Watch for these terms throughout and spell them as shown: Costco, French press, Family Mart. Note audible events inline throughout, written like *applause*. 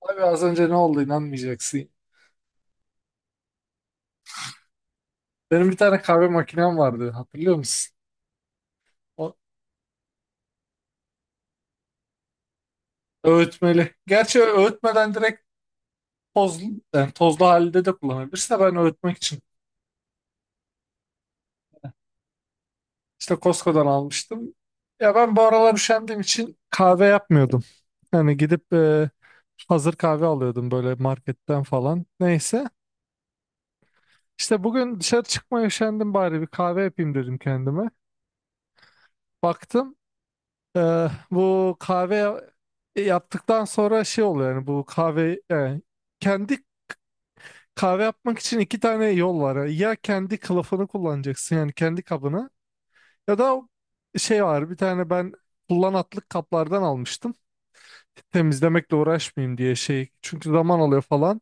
Abi, az önce ne oldu, inanmayacaksın. Benim bir tane kahve makinem vardı, hatırlıyor musun? O öğütmeli. Gerçi öğütmeden direkt tozlu, yani tozlu halde de kullanabilirsin de ben öğütmek için işte Costco'dan almıştım. Ya ben bu aralar üşendiğim için kahve yapmıyordum. Yani gidip hazır kahve alıyordum böyle marketten falan. Neyse. İşte bugün dışarı çıkmaya üşendim, bari bir kahve yapayım dedim kendime. Baktım. Bu kahve yaptıktan sonra şey oluyor, yani bu kahve yani kendi kahve yapmak için iki tane yol var. Ya kendi kılıfını kullanacaksın yani kendi kabını, ya da şey var, bir tane ben kullanatlık kaplardan almıştım. Temizlemekle uğraşmayayım diye şey, çünkü zaman alıyor falan.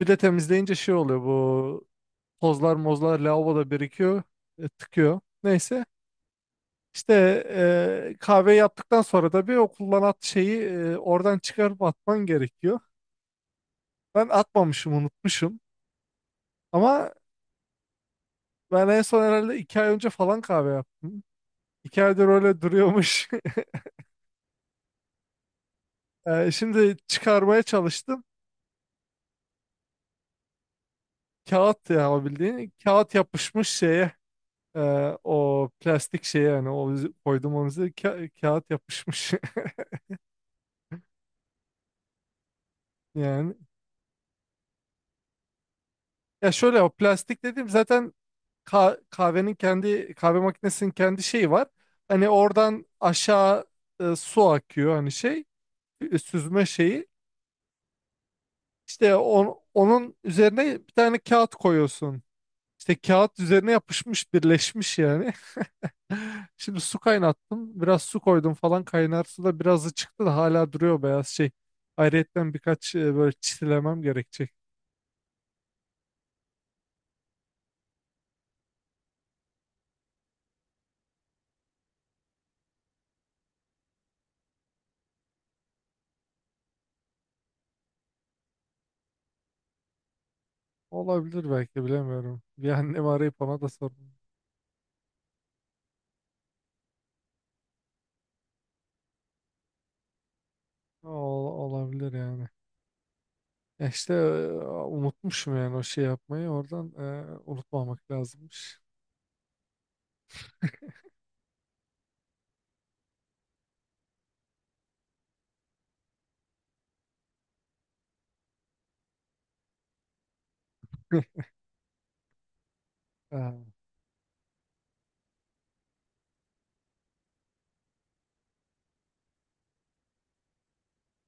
Bir de temizleyince şey oluyor, bu tozlar mozlar lavaboda birikiyor, tıkıyor. Neyse. İşte kahve yaptıktan sonra da bir o kullanat şeyi oradan çıkarıp atman gerekiyor. Ben atmamışım, unutmuşum. Ama ben en son herhalde 2 ay önce falan kahve yaptım. 2 aydır öyle duruyormuş. *laughs* Şimdi çıkarmaya çalıştım. Kağıt ya o, bildiğin. Kağıt yapışmış şeye. O plastik şeye, yani o koydum onu, kağıt yapışmış *laughs* yani. Ya şöyle, o plastik dedim zaten, kahvenin kendi, kahve makinesinin kendi şeyi var. Hani oradan aşağı su akıyor, hani şey, süzme şeyi. İşte onun üzerine bir tane kağıt koyuyorsun. İşte kağıt üzerine yapışmış, birleşmiş yani. *laughs* Şimdi su kaynattım. Biraz su koydum falan, kaynar su da birazı çıktı da hala duruyor beyaz şey. Ayrıyetten birkaç böyle çitilemem gerekecek. Olabilir belki, bilemiyorum. Bir annemi arayıp ona da sordum. Olabilir yani. Ya işte, unutmuşum yani o şey yapmayı oradan, unutmamak lazımmış. *laughs* Ha.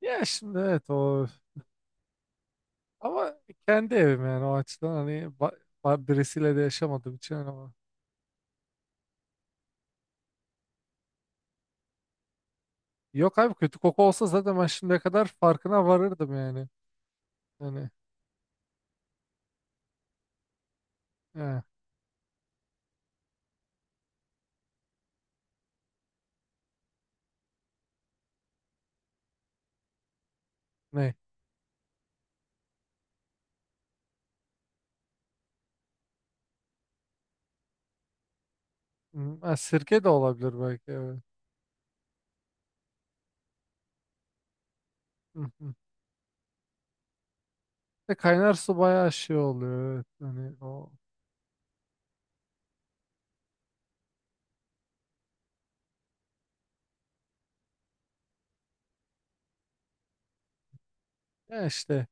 Ya şimdi evet o, ama kendi evim, yani o açıdan hani, ba- birisiyle de yaşamadığım için hani ama. Yok abi, kötü koku olsa zaten ben şimdiye kadar farkına varırdım yani. Yani ha, ne? Hmm, ha, sirke de olabilir belki, evet. Hı hı. De kaynar su bayağı şey oluyor, evet. Hani o, ya işte.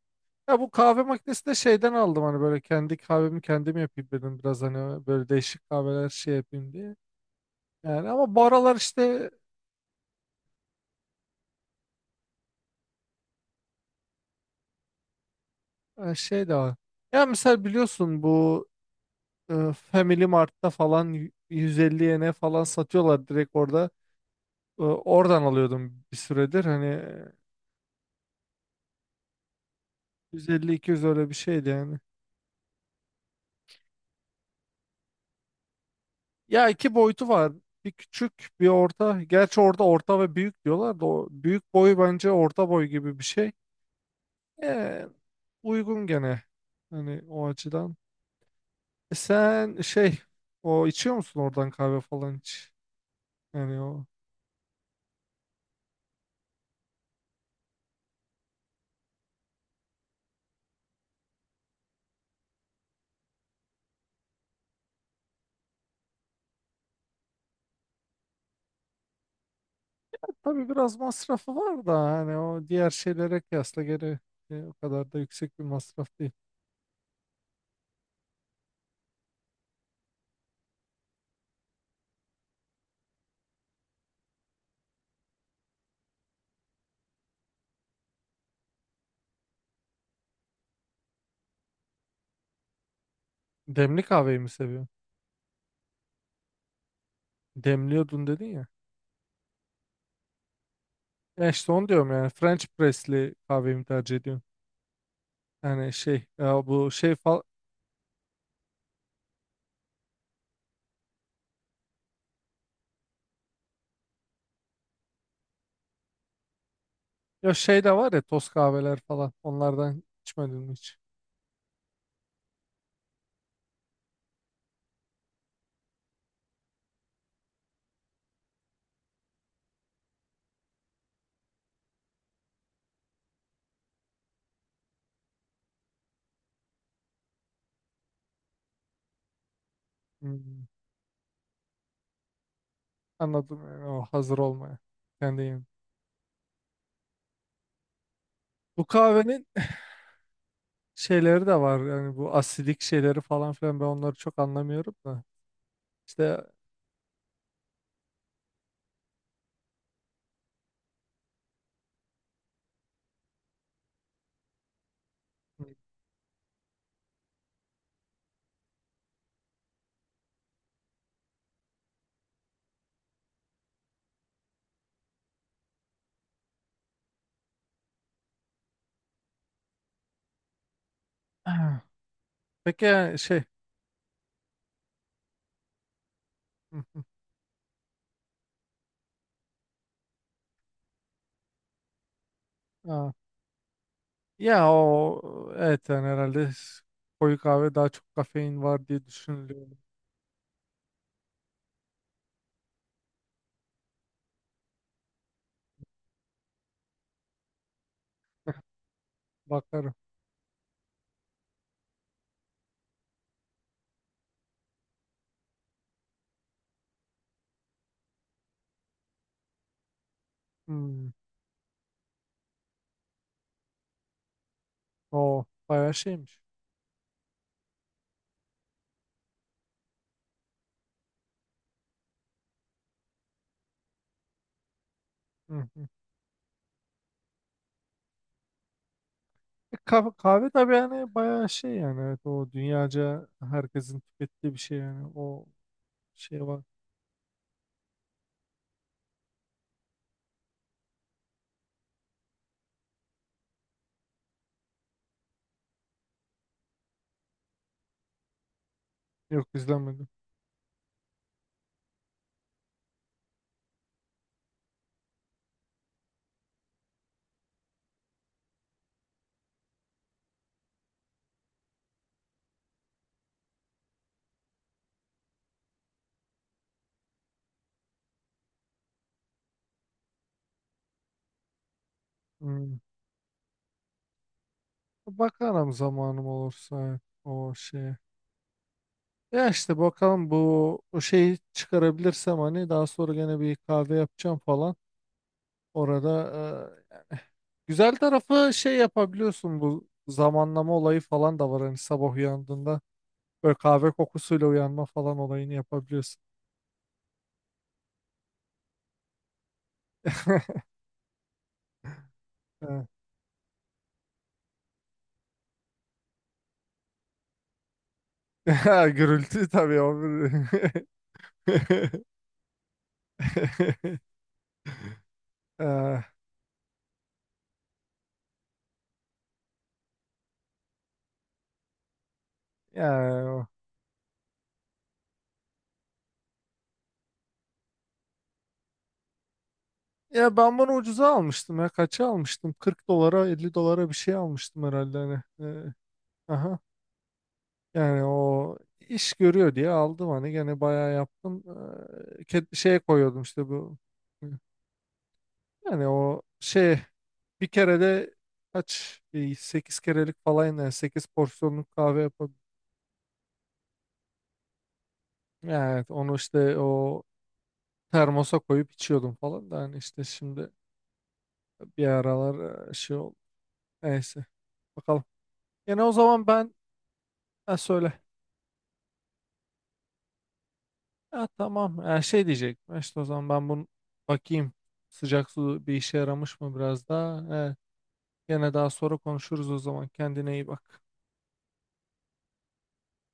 Ya bu kahve makinesi de şeyden aldım hani, böyle kendi kahvemi kendim yapayım dedim, biraz hani böyle değişik kahveler şey yapayım diye. Yani ama bu aralar işte, şey de var. Ya mesela biliyorsun bu, Family Mart'ta falan 150 yene falan satıyorlar direkt orada. Oradan alıyordum bir süredir hani, 150-200 öyle bir şeydi yani. Ya iki boyutu var. Bir küçük, bir orta. Gerçi orada orta ve büyük diyorlar da, o büyük boyu bence orta boy gibi bir şey. E, uygun gene. Hani o açıdan. Sen şey, o içiyor musun oradan kahve falan hiç? Yani o tabii biraz masrafı var da, hani o diğer şeylere kıyasla gene o kadar da yüksek bir masraf değil. Demli kahveyi mi seviyorsun? Demliyordun dedin ya. E işte onu diyorum yani, French press'li kahveyi mi tercih ediyorsun? Yani şey ya, bu şey falan, ya şey de var ya, toz kahveler falan, onlardan içmedin mi hiç? Hmm, anladım, yani o hazır olmayan. Kendi Bu kahvenin *laughs* şeyleri de var. Yani bu asidik şeyleri falan filan, ben onları çok anlamıyorum da. İşte *clears throat* peki yani şey *laughs* ha, ya o evet, yani herhalde koyu kahve daha çok kafein var diye düşünülüyor. Bakarım. Hmm, o bayağı şeymiş. Hı hı. Kahve, kahve tabii yani, bayağı şey yani, evet, o dünyaca herkesin tükettiği bir şey yani, o şey var. Yok, izlemedim. Hmm. Bakarım zamanım olursa, evet, o şey. Ya işte bakalım bu, o şeyi çıkarabilirsem hani daha sonra gene bir kahve yapacağım falan. Orada yani güzel tarafı şey yapabiliyorsun, bu zamanlama olayı falan da var, hani sabah uyandığında böyle kahve kokusuyla uyanma falan olayını yapabiliyorsun. *laughs* Ha. *laughs* Gürültü tabii o. *laughs* Eh, ya, ya ben bunu ucuza almıştım ya, kaça almıştım? 40 dolara 50 dolara bir şey almıştım herhalde hani. Aha. Yani o iş görüyor diye aldım hani, gene bayağı yaptım. Şeye koyuyordum işte bu. Yani o şey, bir kere de kaç 8 kerelik falan yani, 8 porsiyonluk kahve yapıyordum. Evet, onu işte o termosa koyup içiyordum falan da, hani işte şimdi bir aralar şey oldu. Neyse, bakalım. Yani o zaman ben, ha, söyle. Ha, tamam, ha, şey diyecek, işte o zaman ben bunu bakayım, sıcak su bir işe yaramış mı biraz daha. Gene daha sonra konuşuruz o zaman. Kendine iyi bak.